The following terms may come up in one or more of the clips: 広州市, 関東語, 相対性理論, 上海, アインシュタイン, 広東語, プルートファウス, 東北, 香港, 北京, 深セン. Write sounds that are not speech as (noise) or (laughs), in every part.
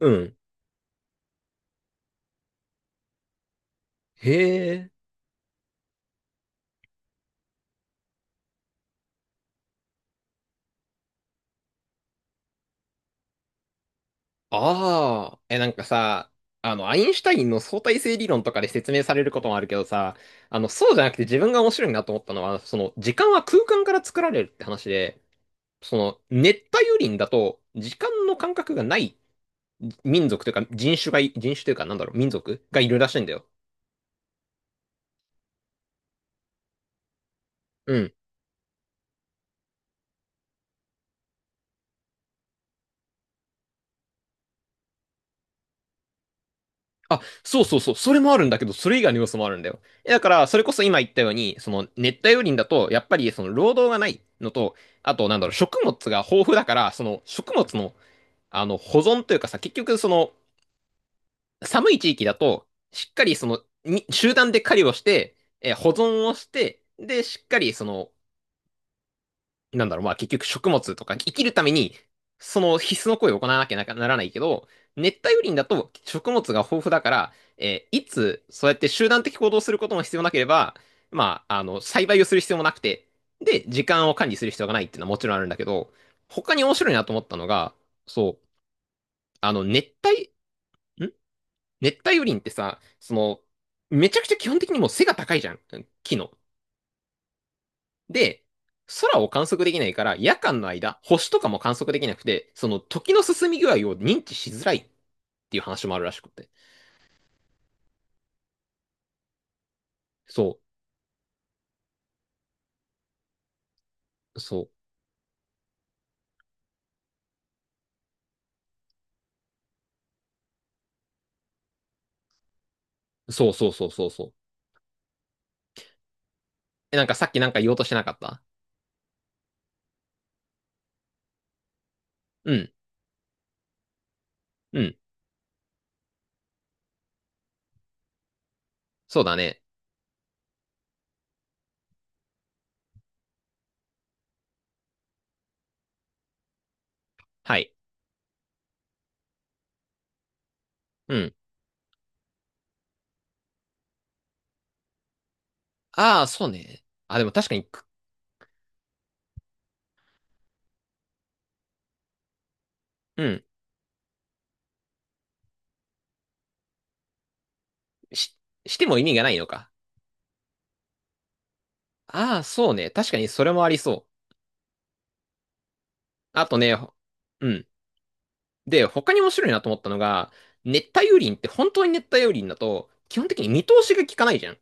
うん。へえ。ああ、え、なんかさ、アインシュタインの相対性理論とかで説明されることもあるけどさ、そうじゃなくて自分が面白いなと思ったのは、その、時間は空間から作られるって話で、その、熱帯雨林だと、時間の感覚がない民族というか、人種というか、なんだろう、民族がいるらしいんだよ。うん。あ、そうそうそう、それもあるんだけど、それ以外の要素もあるんだよ。だから、それこそ今言ったように、その熱帯雨林だと、やっぱりその労働がないのと、あと、なんだろう、食物が豊富だから、その食物の、保存というかさ、結局、その、寒い地域だと、しっかりその、に集団で狩りをして、保存をして、で、しっかりその、なんだろう、まあ結局食物とか生きるために、その必須の行為を行わなきゃなならないけど、熱帯雨林だと食物が豊富だから、いつそうやって集団的行動をすることも必要なければ、まあ、栽培をする必要もなくて、で、時間を管理する必要がないっていうのはもちろんあるんだけど、他に面白いなと思ったのが、そう、あの、熱帯、ん熱帯雨林ってさ、その、めちゃくちゃ基本的にもう背が高いじゃん、木の。で、空を観測できないから、夜間の間、星とかも観測できなくて、その時の進み具合を認知しづらいっていう話もあるらしくて。そう、そう、そうそうそうそうそう。え、なんかさっきなんか言おうとしてなかった？うん、うん、そうだね。はい、うん。ああ、そうね。あ、でも確かに、うん、し、しても意味がないのか。ああ、そうね。確かにそれもありそう。あとね、うん。で、他に面白いなと思ったのが、熱帯雨林って本当に熱帯雨林だと、基本的に見通しが効かないじゃん。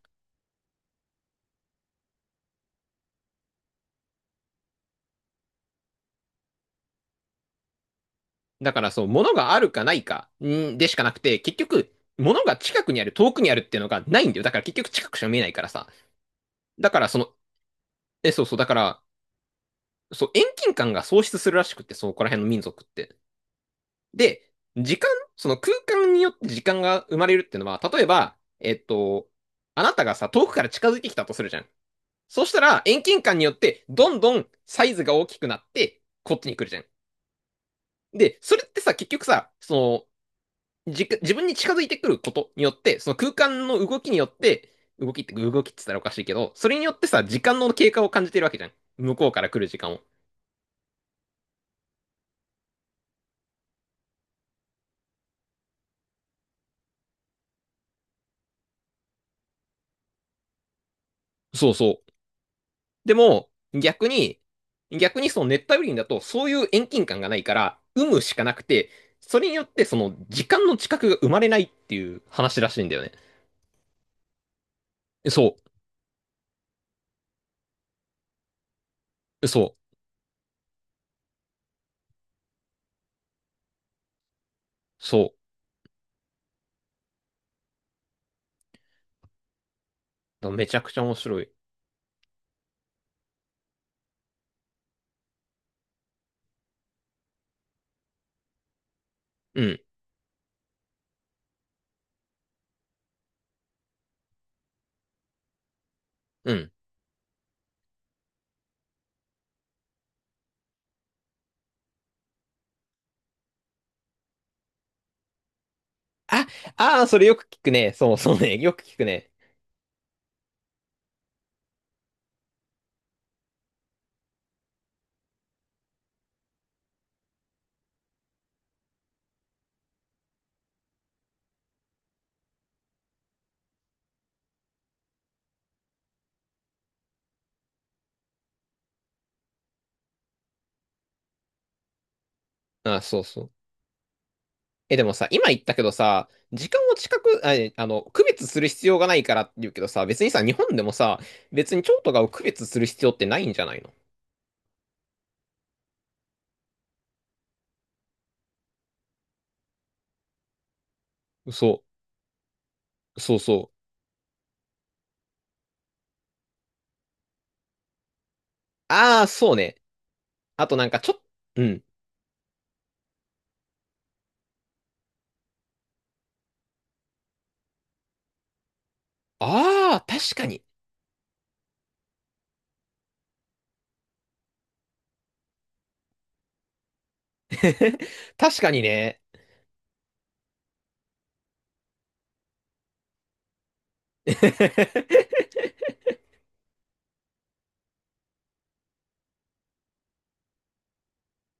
だからそう、物があるかないかんでしかなくて、結局、物が近くにある、遠くにあるっていうのがないんだよ。だから結局近くしか見えないからさ。だからその、え、そうそう、だから、そう、遠近感が喪失するらしくって、そう、ここら辺の民族って。で、時間、その空間によって時間が生まれるっていうのは、例えば、あなたがさ、遠くから近づいてきたとするじゃん。そうしたら、遠近感によって、どんどんサイズが大きくなって、こっちに来るじゃん。で、それってさ、結局さ、その、自分に近づいてくることによって、その空間の動きによって、動きって言ったらおかしいけど、それによってさ、時間の経過を感じてるわけじゃん。向こうから来る時間を。そうそう。でも、逆にその熱帯雨林だと、そういう遠近感がないから、有無しかなくて、それによってその時間の近くが生まれないっていう話らしいんだよね。そう、そう、そう。めちゃくちゃ面白い。うん、うん。あ、ああ、それよく聞くね。そうそうね。よく聞くね。あ、そうそう。え、でもさ、今言ったけどさ、時間を近く、あ、えあの、区別する必要がないからって言うけどさ、別にさ、日本でもさ、別に蝶とかを区別する必要ってないんじゃないの？そう、そうそう。ああ、そうね。あとなんかちょ、っうん。ああ、確かに。(laughs) 確かにね。(laughs)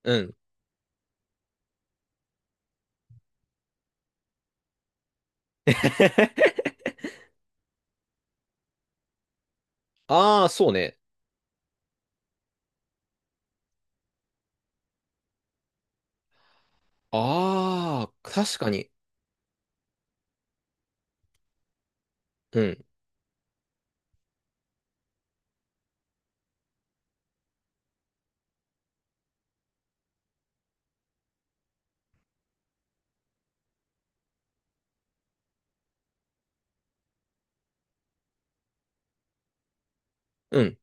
うん。(laughs) ああ、そうね。ああ、確かに。うん、うん。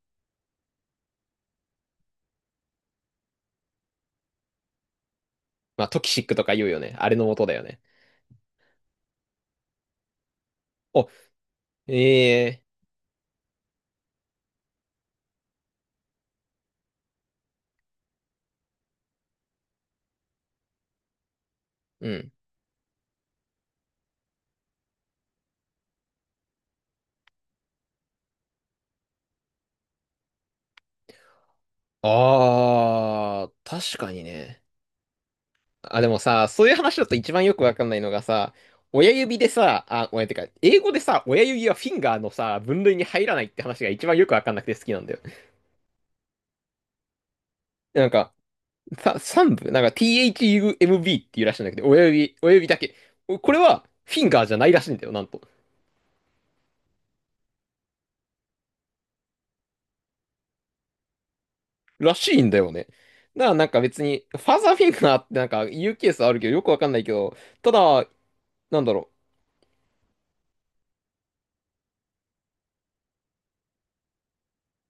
まあ、トキシックとか言うよね。あれの元だよね。お、ええ、うん。ああ、確かにね。あ、でもさ、そういう話だと一番よくわかんないのがさ、親指でさ、あ、親ってか、英語でさ、親指はフィンガーのさ、分類に入らないって話が一番よくわかんなくて好きなんだよ。なんか、さ、三部、なんか THUMB っていうらしいんだけど、親指、親指だけ。お、これはフィンガーじゃないらしいんだよ、なんと。らしいんだよね。だからなんか別に、ファーザーフィンガーってなんか言うケースあるけど、よくわかんないけど、ただ、なんだろ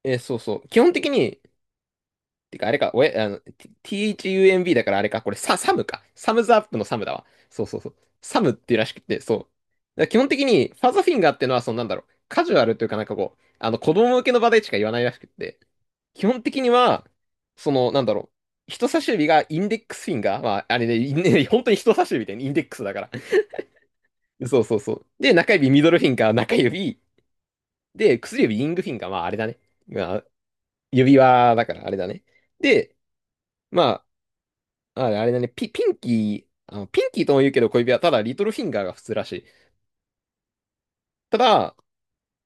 う。そうそう。基本的に、てか、あれか、おえ、T- h u m b だからあれか、これサムか。サムズアップのサムだわ。そうそうそう。サムっていうらしくて、そう。だから基本的に、ファザーフィンガーってのは、そのなんだろう、カジュアルというかなんかこう、子供向けの場でしか言わないらしくて、基本的には、その、なんだろう、人差し指がインデックスフィンガー、まあ、あれね、インね本当に人差し指で、インデックスだから。そうそうそう。で、中指、ミドルフィンガー、中指、で、薬指、リングフィンガー、まあ、あれだね。まあ、指輪だから、あれだね。で、まあ、あれだね、ピンキー、ピンキーとも言うけど小指はただリトルフィンガーが普通らしい。ただ、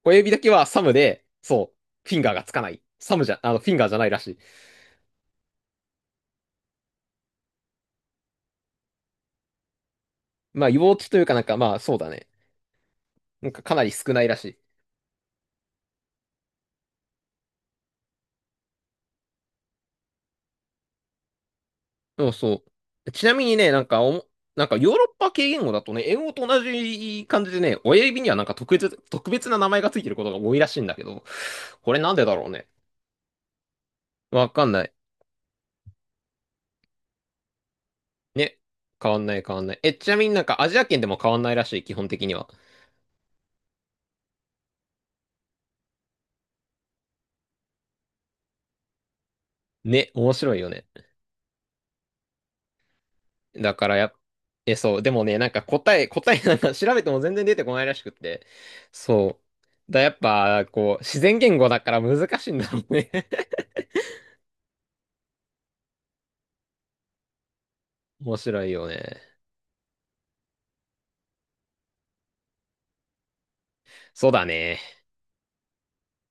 小指だけはサムで、そう、フィンガーがつかない。サムじゃ、あの、フィンガーじゃないらしい。まあ、幼稚というかなんか、まあ、そうだね。なんかかなり少ないらしい。そうそう。ちなみにね、なんかヨーロッパ系言語だとね、英語と同じ感じでね、親指にはなんか特別な名前がついてることが多いらしいんだけど、これなんでだろうね。わかんない。ね。変わんない変わんない。え、ちなみになんかアジア圏でも変わんないらしい、基本的には。ね、面白いよね。だからや、え、そう、でもね、なんか答え (laughs) なんか調べても全然出てこないらしくって。そう。やっぱ、こう、自然言語だから難しいんだろうね。(laughs) 面白いよね。そうだね。